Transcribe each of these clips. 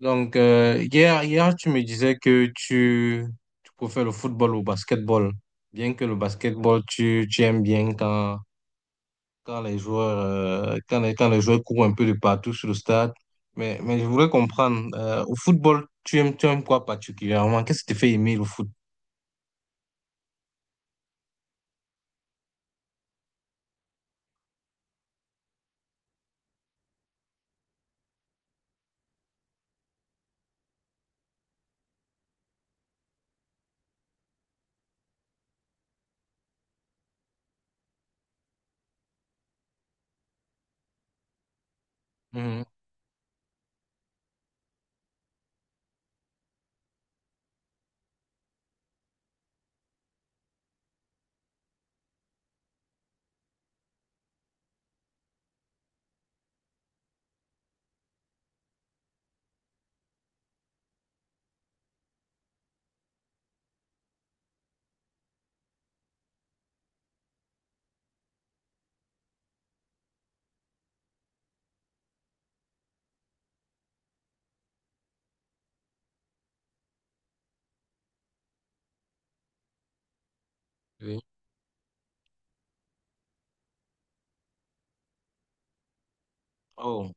Donc, hier, tu me disais que tu préfères le football au basketball. Bien que le basketball, tu aimes bien quand les joueurs courent un peu de partout sur le stade. Mais je voulais comprendre, au football, tu aimes quoi particulièrement? Qu'est-ce qui te fait aimer le foot? Mhm. Oui. Oh,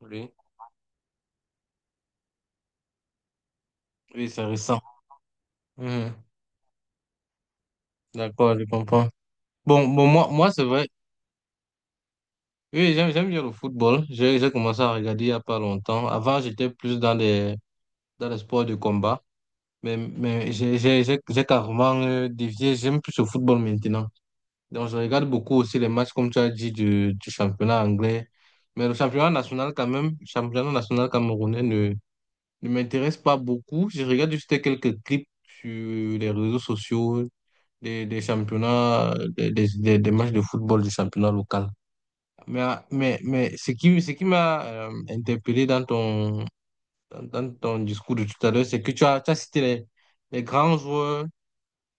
oui. Oui, c'est récent. Mhm. D'accord, je comprends. Bon, bon, moi, c'est vrai. Oui, j'aime bien le football. J'ai commencé à regarder il n'y a pas longtemps. Avant, j'étais plus dans dans les sports de combat. Mais j'ai carrément dévié. J'aime plus le football maintenant. Donc, je regarde beaucoup aussi les matchs, comme tu as dit, du championnat anglais. Mais le championnat national, quand même, le championnat national camerounais ne m'intéresse pas beaucoup. Je regarde juste quelques clips sur les réseaux sociaux des championnats, des matchs de football du championnat local. Mais, mais ce qui m'a interpellé dans ton discours de tout à l'heure, c'est que tu as cité les grands joueurs,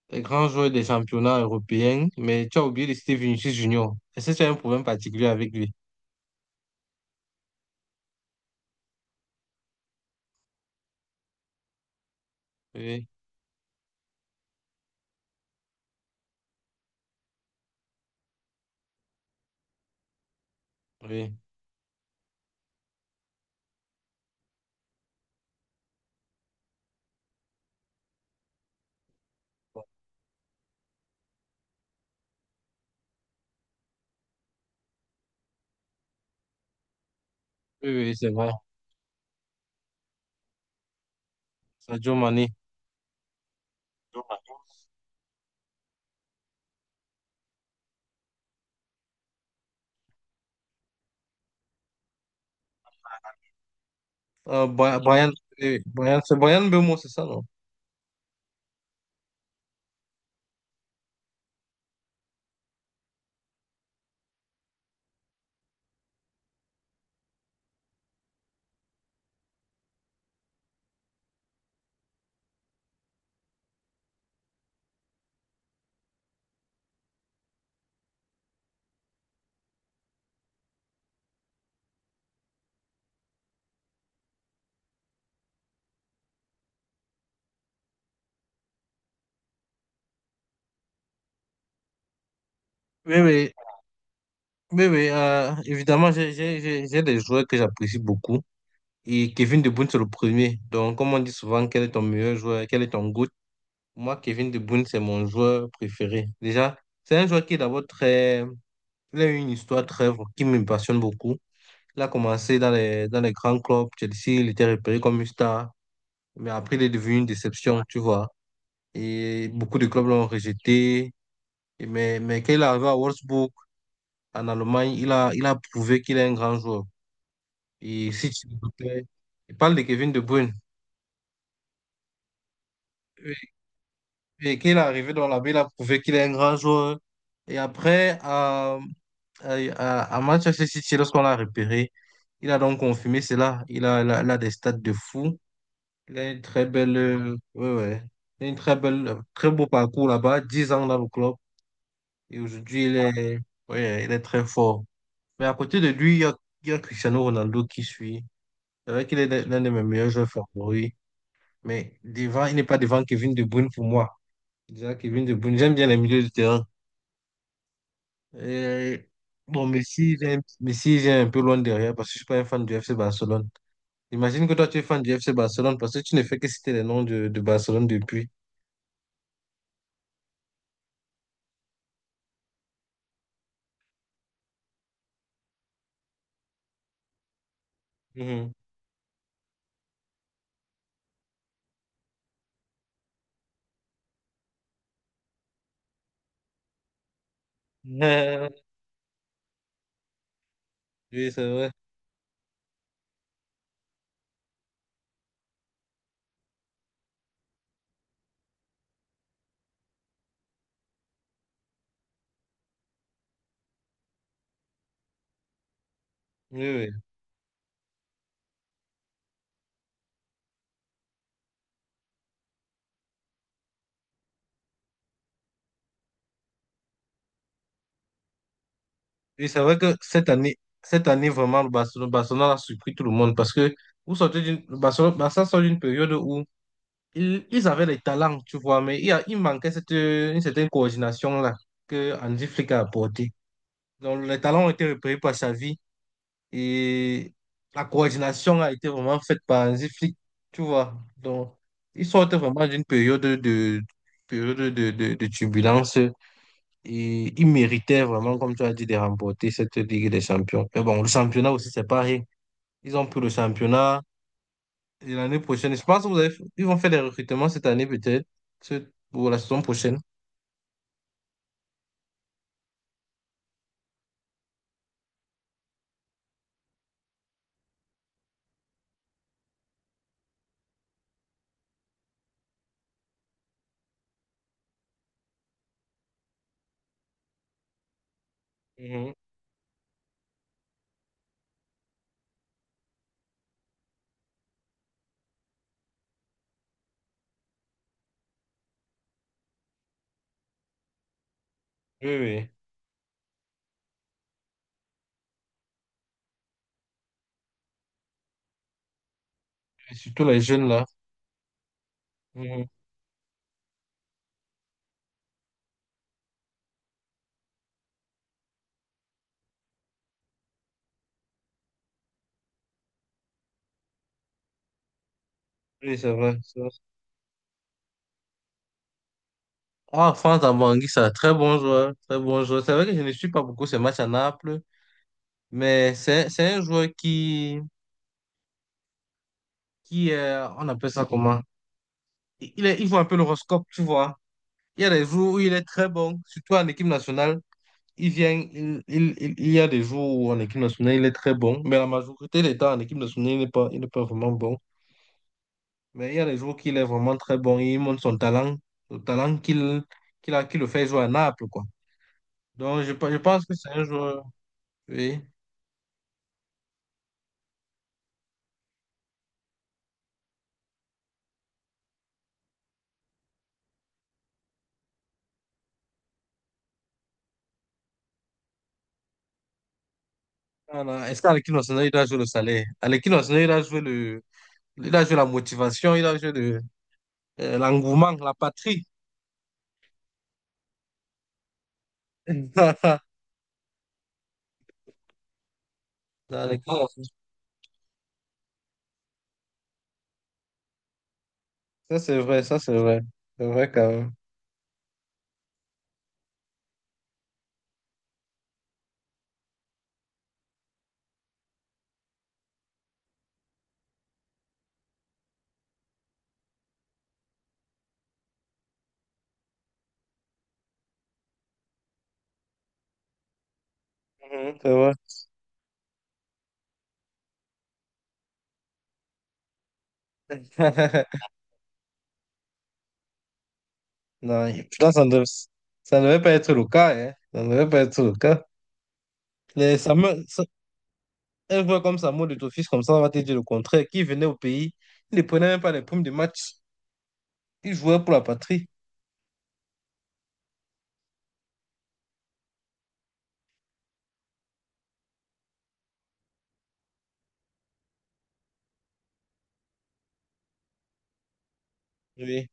les grands joueurs des championnats européens, mais tu as oublié de citer Vinicius Junior. Est-ce que tu as un problème particulier avec lui? Oui, oui, oui, oui, c'est vrai. Sadio Mané. Brian, oui, oui, Brian, c'est Brian Beumo, c'est ça, non? Oui, oui, oui, oui, évidemment, j'ai des joueurs que j'apprécie beaucoup. Et Kevin De Bruyne, c'est le premier. Donc, comme on dit souvent, quel est ton meilleur joueur, quel est ton goût. Moi, Kevin De Bruyne, c'est mon joueur préféré. Déjà, c'est un joueur qui est d'abord très... Il a eu une histoire très... qui me passionne beaucoup. Il a commencé dans dans les grands clubs. Chelsea, il était repéré comme une star. Mais après, il est devenu une déception, tu vois. Et beaucoup de clubs l'ont rejeté. Et mais quand il est arrivé à Wolfsburg, en Allemagne, il a prouvé qu'il est un grand joueur. Et si tu l'écoutais, il parle de Kevin De Bruyne. Et qu'il est arrivé dans la ville, il a prouvé qu'il est un grand joueur. Et après, à Manchester City, lorsqu'on l'a repéré, il a donc confirmé cela. Il a des stats de fou. Il a une très belle, ouais, ouais. Il a une très belle, très beau parcours là-bas, 10 ans dans le club. Et aujourd'hui, il est, ouais, il est très fort. Mais à côté de lui, il y a Cristiano Ronaldo qui suit. C'est vrai qu'il est l'un de mes meilleurs joueurs favoris. Mais devant, il n'est pas devant Kevin De Bruyne pour moi. Déjà, Kevin De Bruyne, j'aime bien les milieux de terrain. Euh, bon, Messi, il est un peu loin derrière parce que je suis pas un fan du FC Barcelone. Imagine que toi, tu es fan du FC Barcelone parce que tu ne fais que citer les noms de Barcelone depuis. Mhm. Oui, c'est vrai. Oui, oui. Oui, c'est vrai que cette année vraiment, Barcelone a surpris tout le monde parce que vous sortez d'une, le Barcelone, Barça sort d'une période où ils avaient les talents, tu vois, mais il manquait une certaine coordination là que Andy Flick a apportée. Donc, les talents ont été repérés par Xavi, et la coordination a été vraiment faite par un flics, tu vois. Donc, ils sortent vraiment d'une période de turbulence et ils méritaient vraiment, comme tu as dit, de remporter cette Ligue des Champions. Mais bon, le championnat aussi, c'est pareil. Ils ont pris le championnat. Et l'année prochaine, je pense que ils vont faire des recrutements cette année peut-être, ou la saison prochaine. Mhm. Oui, oui. Et surtout les jeunes là. Mhm. Oui, c'est vrai. Ça. Ah, Franz Anguissa, très bon joueur, très bon joueur. C'est vrai que je ne suis pas beaucoup ces matchs à Naples, mais c'est un joueur qui on appelle ça comment? Il joue un peu l'horoscope, tu vois. Il y a des jours où il est très bon, surtout en équipe nationale. Il vient, il y a des jours où en équipe nationale, il est très bon, mais la majorité des temps en équipe nationale, il n'est pas vraiment bon. Mais il y a des jours qu'il est vraiment très bon, il montre son talent, le talent qu'il a, qui le fait jouer à Naples, quoi. Donc, je pense que c'est un joueur, oui. Non, non, est-ce qu'Alekine Wasson, il doit jouer le salaire? Alekine Wasson, il doit jouer le... il doit jouer la motivation, il doit jouer le... l'engouement, la patrie. Non, Alekine Wasson, ça, c'est vrai, ça, c'est vrai. C'est vrai, quand même. Mhm. C'est vrai. Non, et pourtant, ça ne devait pas être le cas, hein. Ça ne devait pas être le cas. Les Samuel- Sa- un joueur comme Samuel de Tofis, comme ça, on va te dire le contraire, qui venait au pays, il ne prenait même pas les primes de match. Il jouait pour la patrie. Oui.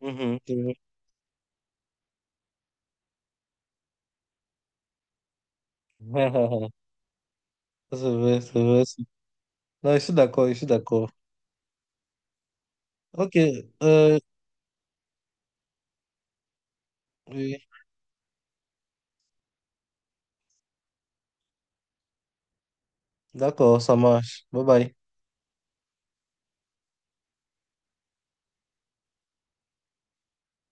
Mhm, c'est vrai. Ça, c'est vrai, c'est vrai. Non, je suis d'accord, je suis d'accord. Ok, euh, oui, d'accord, ça marche. Bye bye.